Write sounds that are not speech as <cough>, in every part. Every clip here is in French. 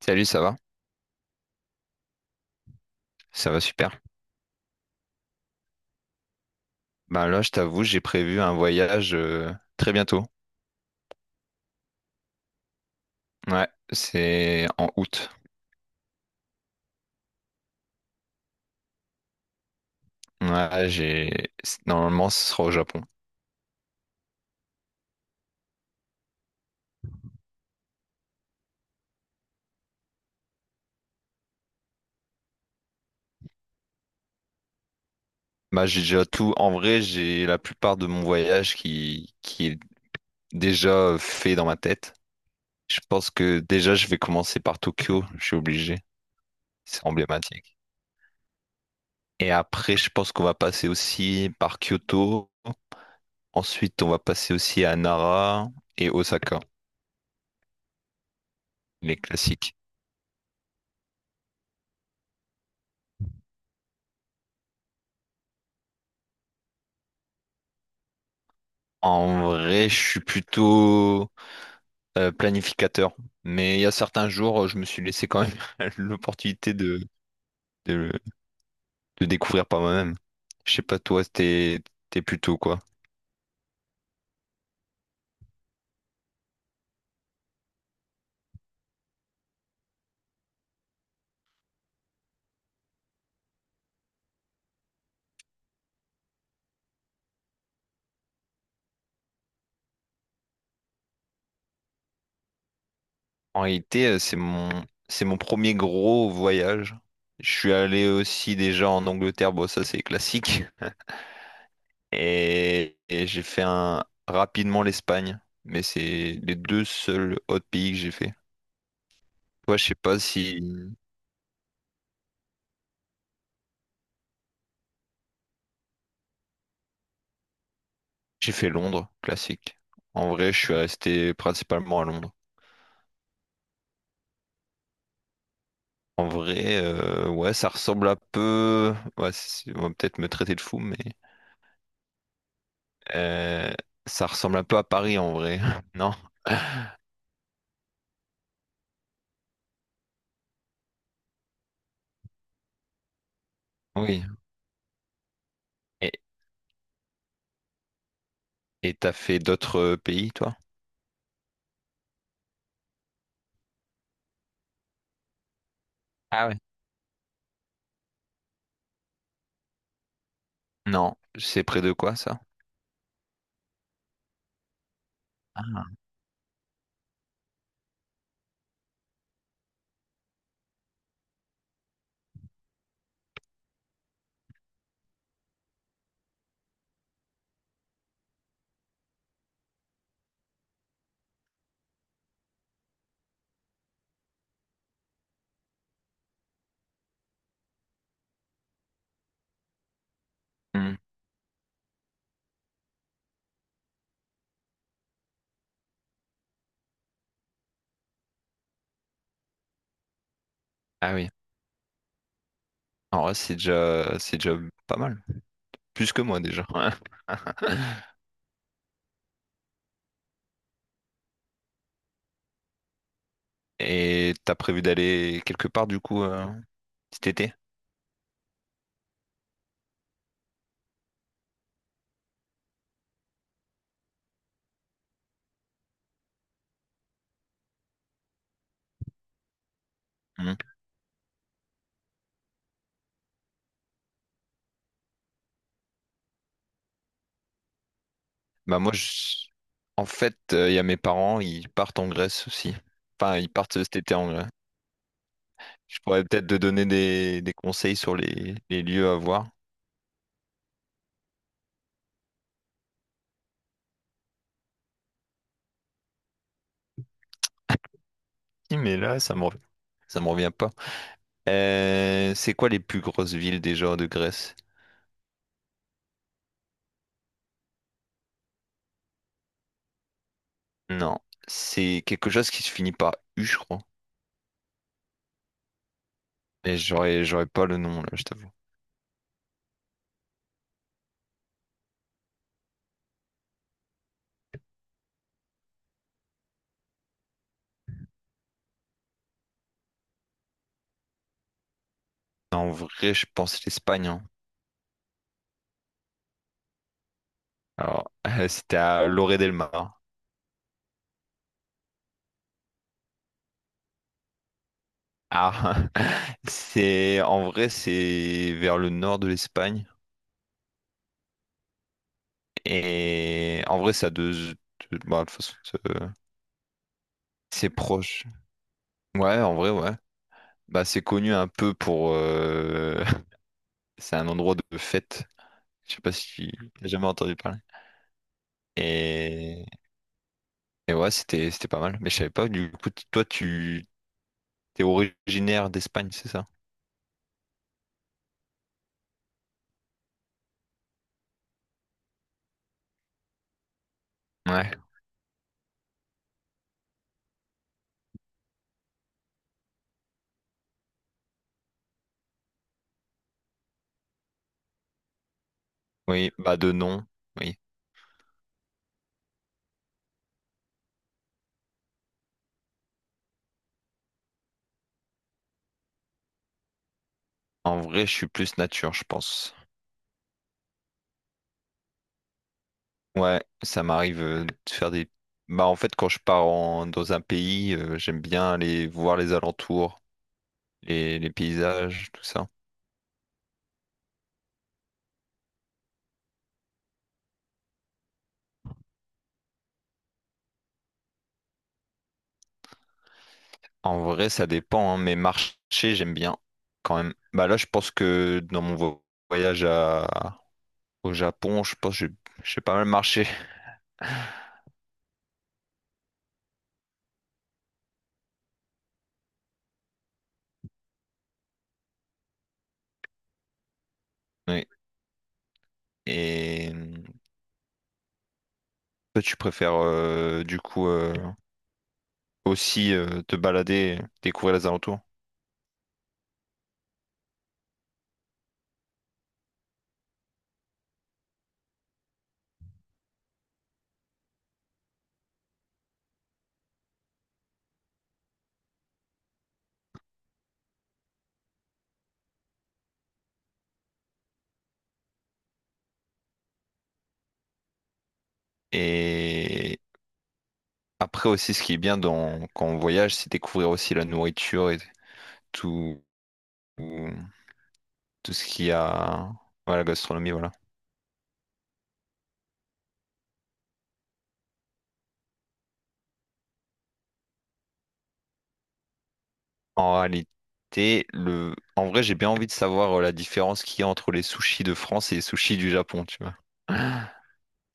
Salut, ça va? Ça va super. Ben là, je t'avoue, j'ai prévu un voyage très bientôt. Ouais, c'est en août. Ouais, j'ai normalement ce sera au Japon. Bah, j'ai déjà tout. En vrai, j'ai la plupart de mon voyage qui est déjà fait dans ma tête. Je pense que déjà, je vais commencer par Tokyo. Je suis obligé. C'est emblématique. Et après, je pense qu'on va passer aussi par Kyoto. Ensuite, on va passer aussi à Nara et Osaka, les classiques. En vrai, je suis plutôt planificateur. Mais il y a certains jours, je me suis laissé quand même <laughs> l'opportunité de, de découvrir par moi-même. Je sais pas, toi, t'es plutôt quoi? En réalité, c'est c'est mon premier gros voyage. Je suis allé aussi déjà en Angleterre, bon, ça c'est classique. <laughs> Et, j'ai fait un, rapidement l'Espagne. Mais c'est les deux seuls autres pays que j'ai fait. Toi, je sais pas si J'ai fait Londres, classique. En vrai, je suis resté principalement à Londres. En vrai, ouais, ça ressemble un peu. Ouais, c'est- on va peut-être me traiter de fou, mais euh, ça ressemble un peu à Paris en vrai. <laughs> Non? Oui. Et t'as fait d'autres pays, toi? Ah ouais. Non, c'est près de quoi ça? Ah. Hmm. Ah oui. En vrai, c'est déjà pas mal. Plus que moi déjà. <laughs> Et t'as prévu d'aller quelque part du coup cet été? Hmm. Bah moi, je- en fait, il y a mes parents, ils partent en Grèce aussi. Enfin, ils partent cet été en Grèce. Je pourrais peut-être te donner des conseils sur les lieux à voir. Si, mais là, ça me revient. Ça me revient pas. C'est quoi les plus grosses villes déjà de Grèce? Non, c'est quelque chose qui se finit par U, je crois. Mais j'aurais pas le nom là, je t'avoue. En vrai, je pense l'Espagne. Hein. Alors, <laughs> c'était à Lloret del Mar. Ah, <laughs> c'est en vrai, c'est vers le nord de l'Espagne. Et en vrai, bah, de toute façon, c'est proche. Ouais, en vrai, ouais. Bah, c'est connu un peu pour. <laughs> C'est un endroit de fête. Je sais pas si t'as jamais entendu parler. Et, ouais, c'était pas mal. Mais je savais pas. Du coup, t- toi, tu t'es originaire d'Espagne, c'est ça? Ouais. Oui, bah de nom. Oui. En vrai, je suis plus nature, je pense. Ouais, ça m'arrive de faire des. Bah en fait, quand je pars en- dans un pays, j'aime bien aller voir les alentours. Les paysages, tout ça. En vrai, ça dépend, hein, mais marcher, j'aime bien quand même. Bah là, je pense que dans mon vo- voyage à- au Japon, je pense que j'ai pas mal marché. <laughs> Oui. Et toi, tu préfères aussi te balader, découvrir les alentours? Et après aussi, ce qui est bien dans, quand on voyage, c'est découvrir aussi la nourriture et tout, tout ce qu'il y a. Ouais, la gastronomie, voilà. En réalité, le... en vrai, j'ai bien envie de savoir la différence qu'il y a entre les sushis de France et les sushis du Japon, tu vois. <gasps>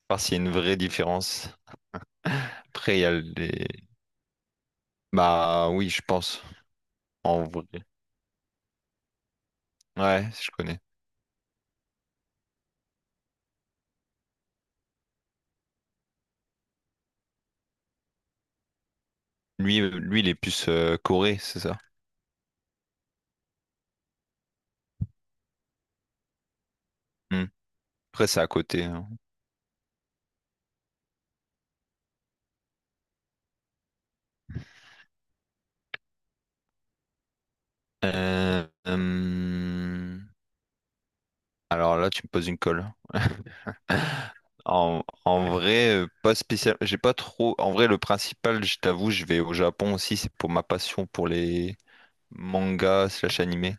Parce qu'il y a une vraie différence. Après, il y a les... Bah oui, je pense. En vrai. Ouais, je connais. Lui, lui il est plus Corée, c'est ça. Hmm. Après, c'est à côté. Hein. Euh, hum, alors là, tu me poses une colle. <laughs> En vrai, pas spécial. J'ai pas trop. En vrai, le principal, je t'avoue, je vais au Japon aussi. C'est pour ma passion pour les mangas slash animés.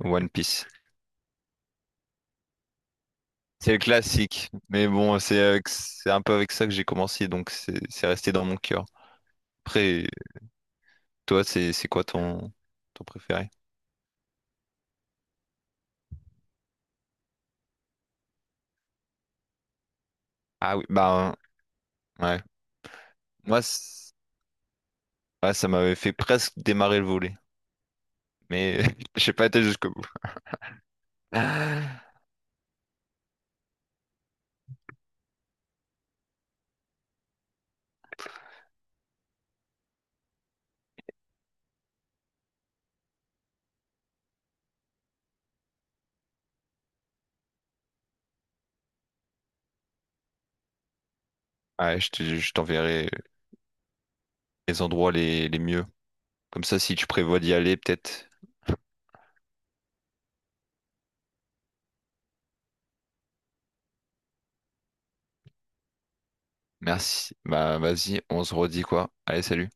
One Piece. C'est le classique. Mais bon, c'est avec- c'est un peu avec ça que j'ai commencé, donc c'est resté dans mon cœur. Après, toi, c'est quoi ton préféré? Ah oui, bah ouais. Moi, c'est- ouais, ça m'avait fait presque démarrer le volet, mais <laughs> j'ai pas été jusqu'au bout. Ouais, je te- je t'enverrai les endroits les mieux. Comme ça, si tu prévois d'y aller, peut-être. Merci. Bah, vas-y, on se redit quoi. Allez, salut.